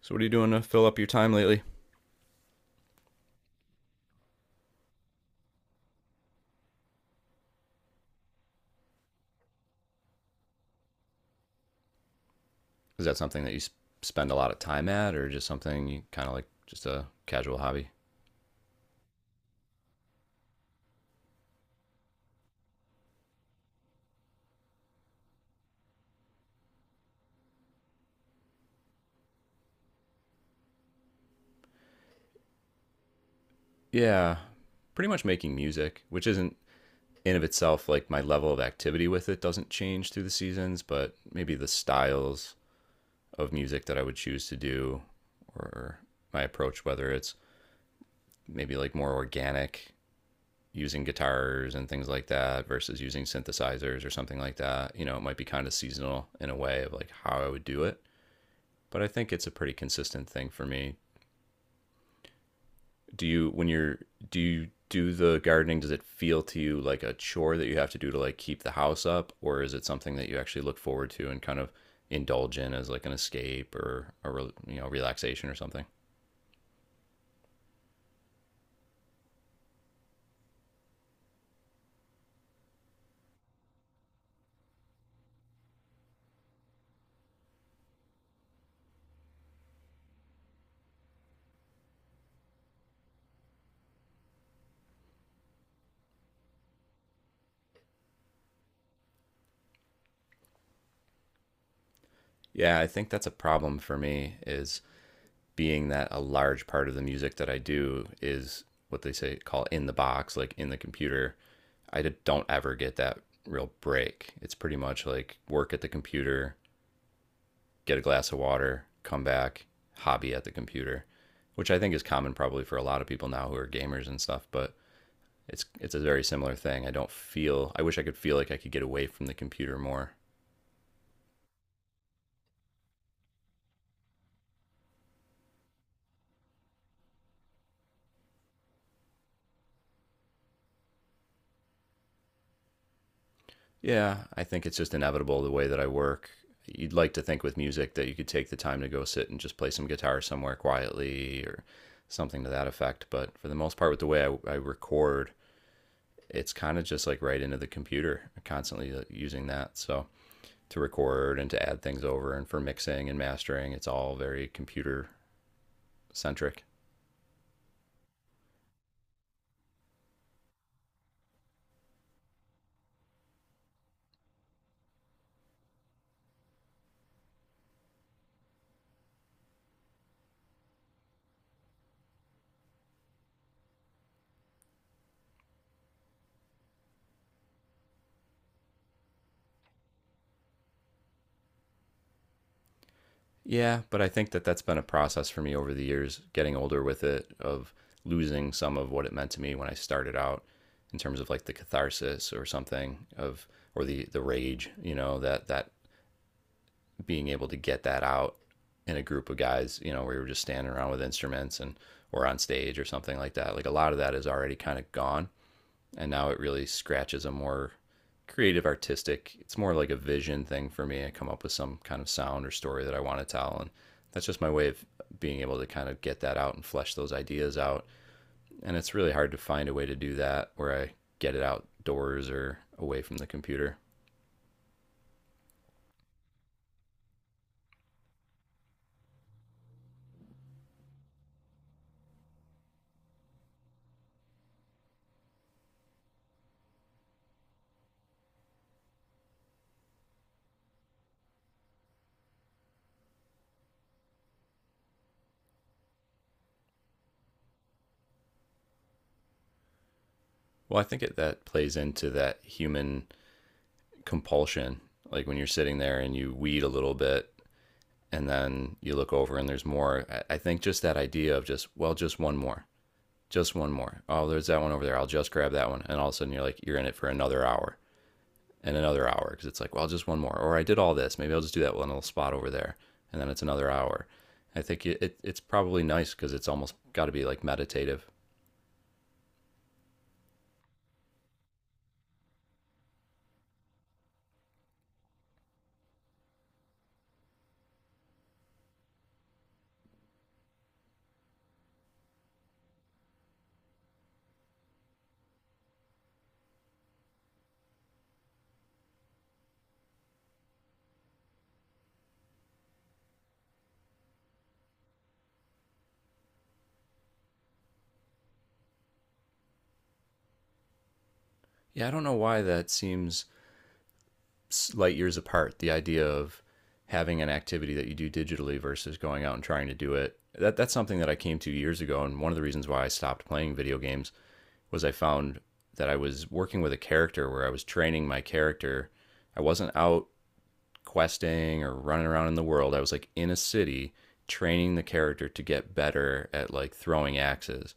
So, what are you doing to fill up your time lately? Is that something that you spend a lot of time at, or just something you kind of like just a casual hobby? Yeah, pretty much making music, which isn't in of itself like my level of activity with it doesn't change through the seasons, but maybe the styles of music that I would choose to do or my approach, whether it's maybe like more organic using guitars and things like that versus using synthesizers or something like that. You know, it might be kind of seasonal in a way of like how I would do it. But I think it's a pretty consistent thing for me. Do you when you're do you do the gardening, does it feel to you like a chore that you have to do to like keep the house up, or is it something that you actually look forward to and kind of indulge in as like an escape or a, you know, relaxation or something? Yeah, I think that's a problem for me is being that a large part of the music that I do is what they say call in the box, like in the computer. I don't ever get that real break. It's pretty much like work at the computer, get a glass of water, come back, hobby at the computer, which I think is common probably for a lot of people now who are gamers and stuff, but it's a very similar thing. I don't feel, I wish I could feel like I could get away from the computer more. Yeah, I think it's just inevitable the way that I work. You'd like to think with music that you could take the time to go sit and just play some guitar somewhere quietly or something to that effect. But for the most part, with the way I record, it's kind of just like right into the computer, constantly using that. So to record and to add things over and for mixing and mastering, it's all very computer centric. Yeah, but I think that that's been a process for me over the years, getting older with it, of losing some of what it meant to me when I started out in terms of like the catharsis or something of or the rage, you know, that that being able to get that out in a group of guys, you know, where you're just standing around with instruments and or on stage or something like that. Like a lot of that is already kind of gone, and now it really scratches a more creative artistic, it's more like a vision thing for me. I come up with some kind of sound or story that I want to tell, and that's just my way of being able to kind of get that out and flesh those ideas out, and it's really hard to find a way to do that where I get it outdoors or away from the computer. Well, that plays into that human compulsion. Like when you're sitting there and you weed a little bit and then you look over and there's more. I think just that idea of just, well, just one more, just one more. Oh, there's that one over there. I'll just grab that one. And all of a sudden you're like, you're in it for another hour and another hour because it's like, well, just one more. Or I did all this. Maybe I'll just do that one little spot over there. And then it's another hour. I think it, it It's probably nice because it's almost got to be like meditative. Yeah, I don't know why that seems light years apart. The idea of having an activity that you do digitally versus going out and trying to do it. That that's something that I came to years ago, and one of the reasons why I stopped playing video games was I found that I was working with a character where I was training my character. I wasn't out questing or running around in the world. I was like in a city training the character to get better at like throwing axes,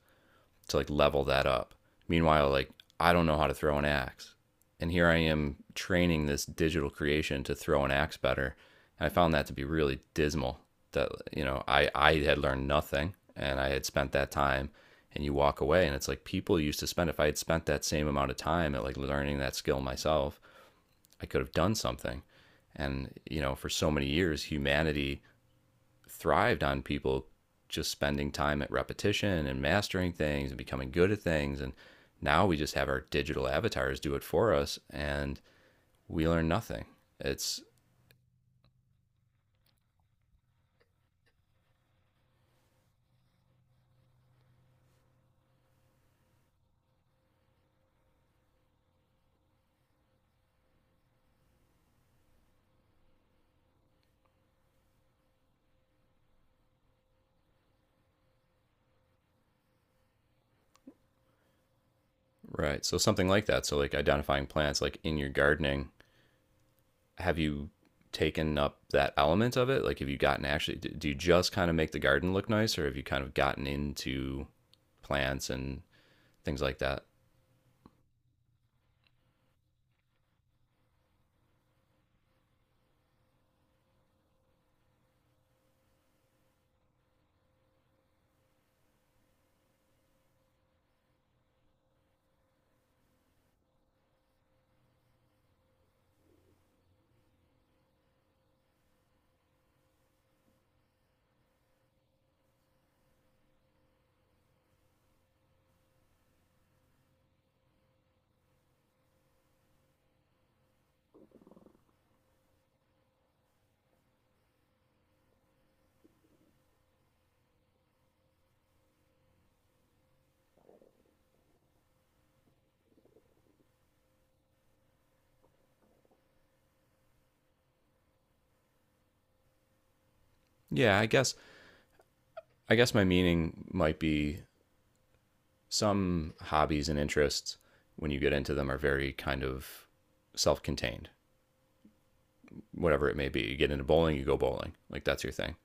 to like level that up. Meanwhile, like I don't know how to throw an axe. And here I am training this digital creation to throw an axe better. And I found that to be really dismal that, you know, I had learned nothing and I had spent that time, and you walk away and it's like people used to spend, if I had spent that same amount of time at like learning that skill myself, I could have done something. And you know, for so many years humanity thrived on people just spending time at repetition and mastering things and becoming good at things. And now we just have our digital avatars do it for us and we learn nothing. It's right. So something like that. So like identifying plants, like in your gardening, have you taken up that element of it? Like have you gotten actually, do you just kind of make the garden look nice, or have you kind of gotten into plants and things like that? Yeah, I guess my meaning might be some hobbies and interests when you get into them are very kind of self-contained. Whatever it may be, you get into bowling, you go bowling, like that's your thing.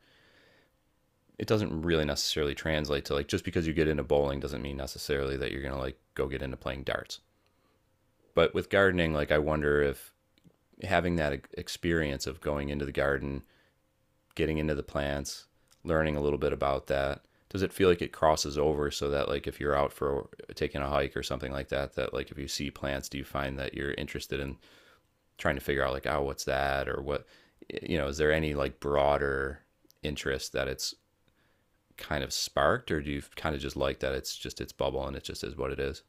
It doesn't really necessarily translate to, like, just because you get into bowling doesn't mean necessarily that you're going to like go get into playing darts. But with gardening, like I wonder if having that experience of going into the garden, getting into the plants, learning a little bit about that, does it feel like it crosses over so that like if you're out for taking a hike or something like that, that like if you see plants, do you find that you're interested in trying to figure out like, oh, what's that or what, you know, is there any like broader interest that it's kind of sparked, or do you kind of just like that it's just its bubble and it just is what it is?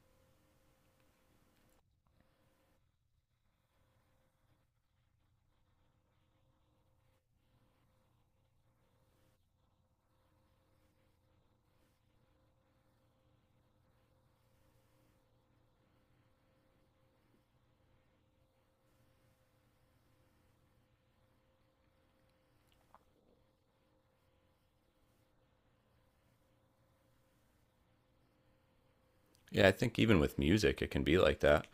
Yeah, I think even with music, it can be like that.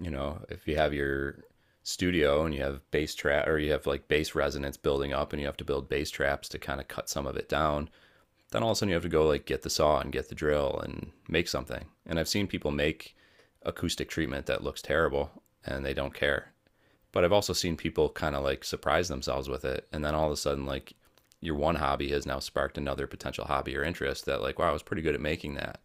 You know, if you have your studio and you have bass trap or you have like bass resonance building up and you have to build bass traps to kind of cut some of it down, then all of a sudden you have to go like get the saw and get the drill and make something. And I've seen people make acoustic treatment that looks terrible and they don't care. But I've also seen people kind of like surprise themselves with it. And then all of a sudden, like your one hobby has now sparked another potential hobby or interest that, like, wow, I was pretty good at making that,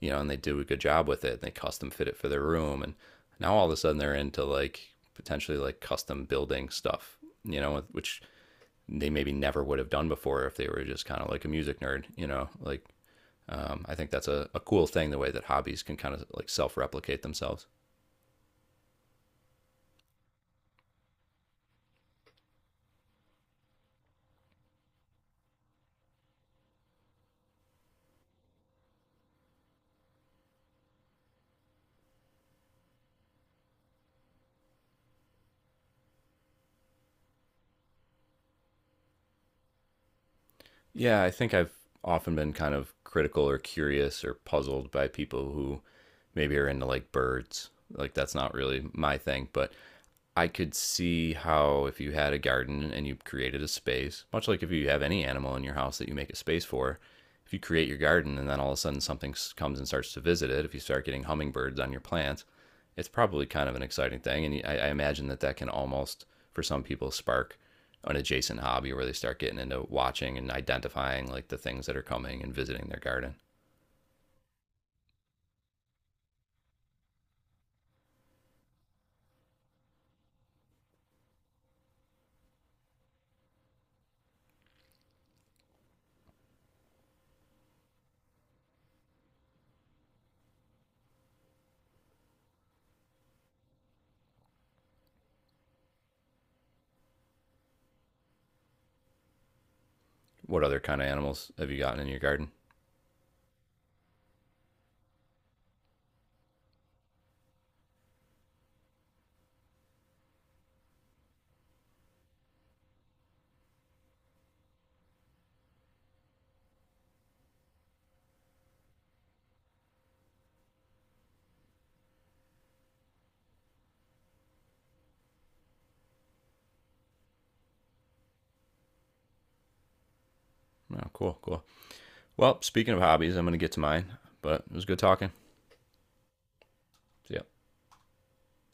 you know, and they do a good job with it. And they custom fit it for their room. And now all of a sudden they're into like potentially like custom building stuff, you know, which they maybe never would have done before if they were just kind of like a music nerd, you know, like I think that's a cool thing, the way that hobbies can kind of like self replicate themselves. Yeah, I think I've often been kind of critical or curious or puzzled by people who maybe are into like birds. Like that's not really my thing, but I could see how if you had a garden and you created a space, much like if you have any animal in your house that you make a space for, if you create your garden and then all of a sudden something comes and starts to visit it, if you start getting hummingbirds on your plants, it's probably kind of an exciting thing. And I imagine that that can almost, for some people, spark an adjacent hobby where they start getting into watching and identifying like the things that are coming and visiting their garden. What other kind of animals have you gotten in your garden? Oh, cool, cool. Well, speaking of hobbies, I'm going to get to mine, but it was good talking. See ya.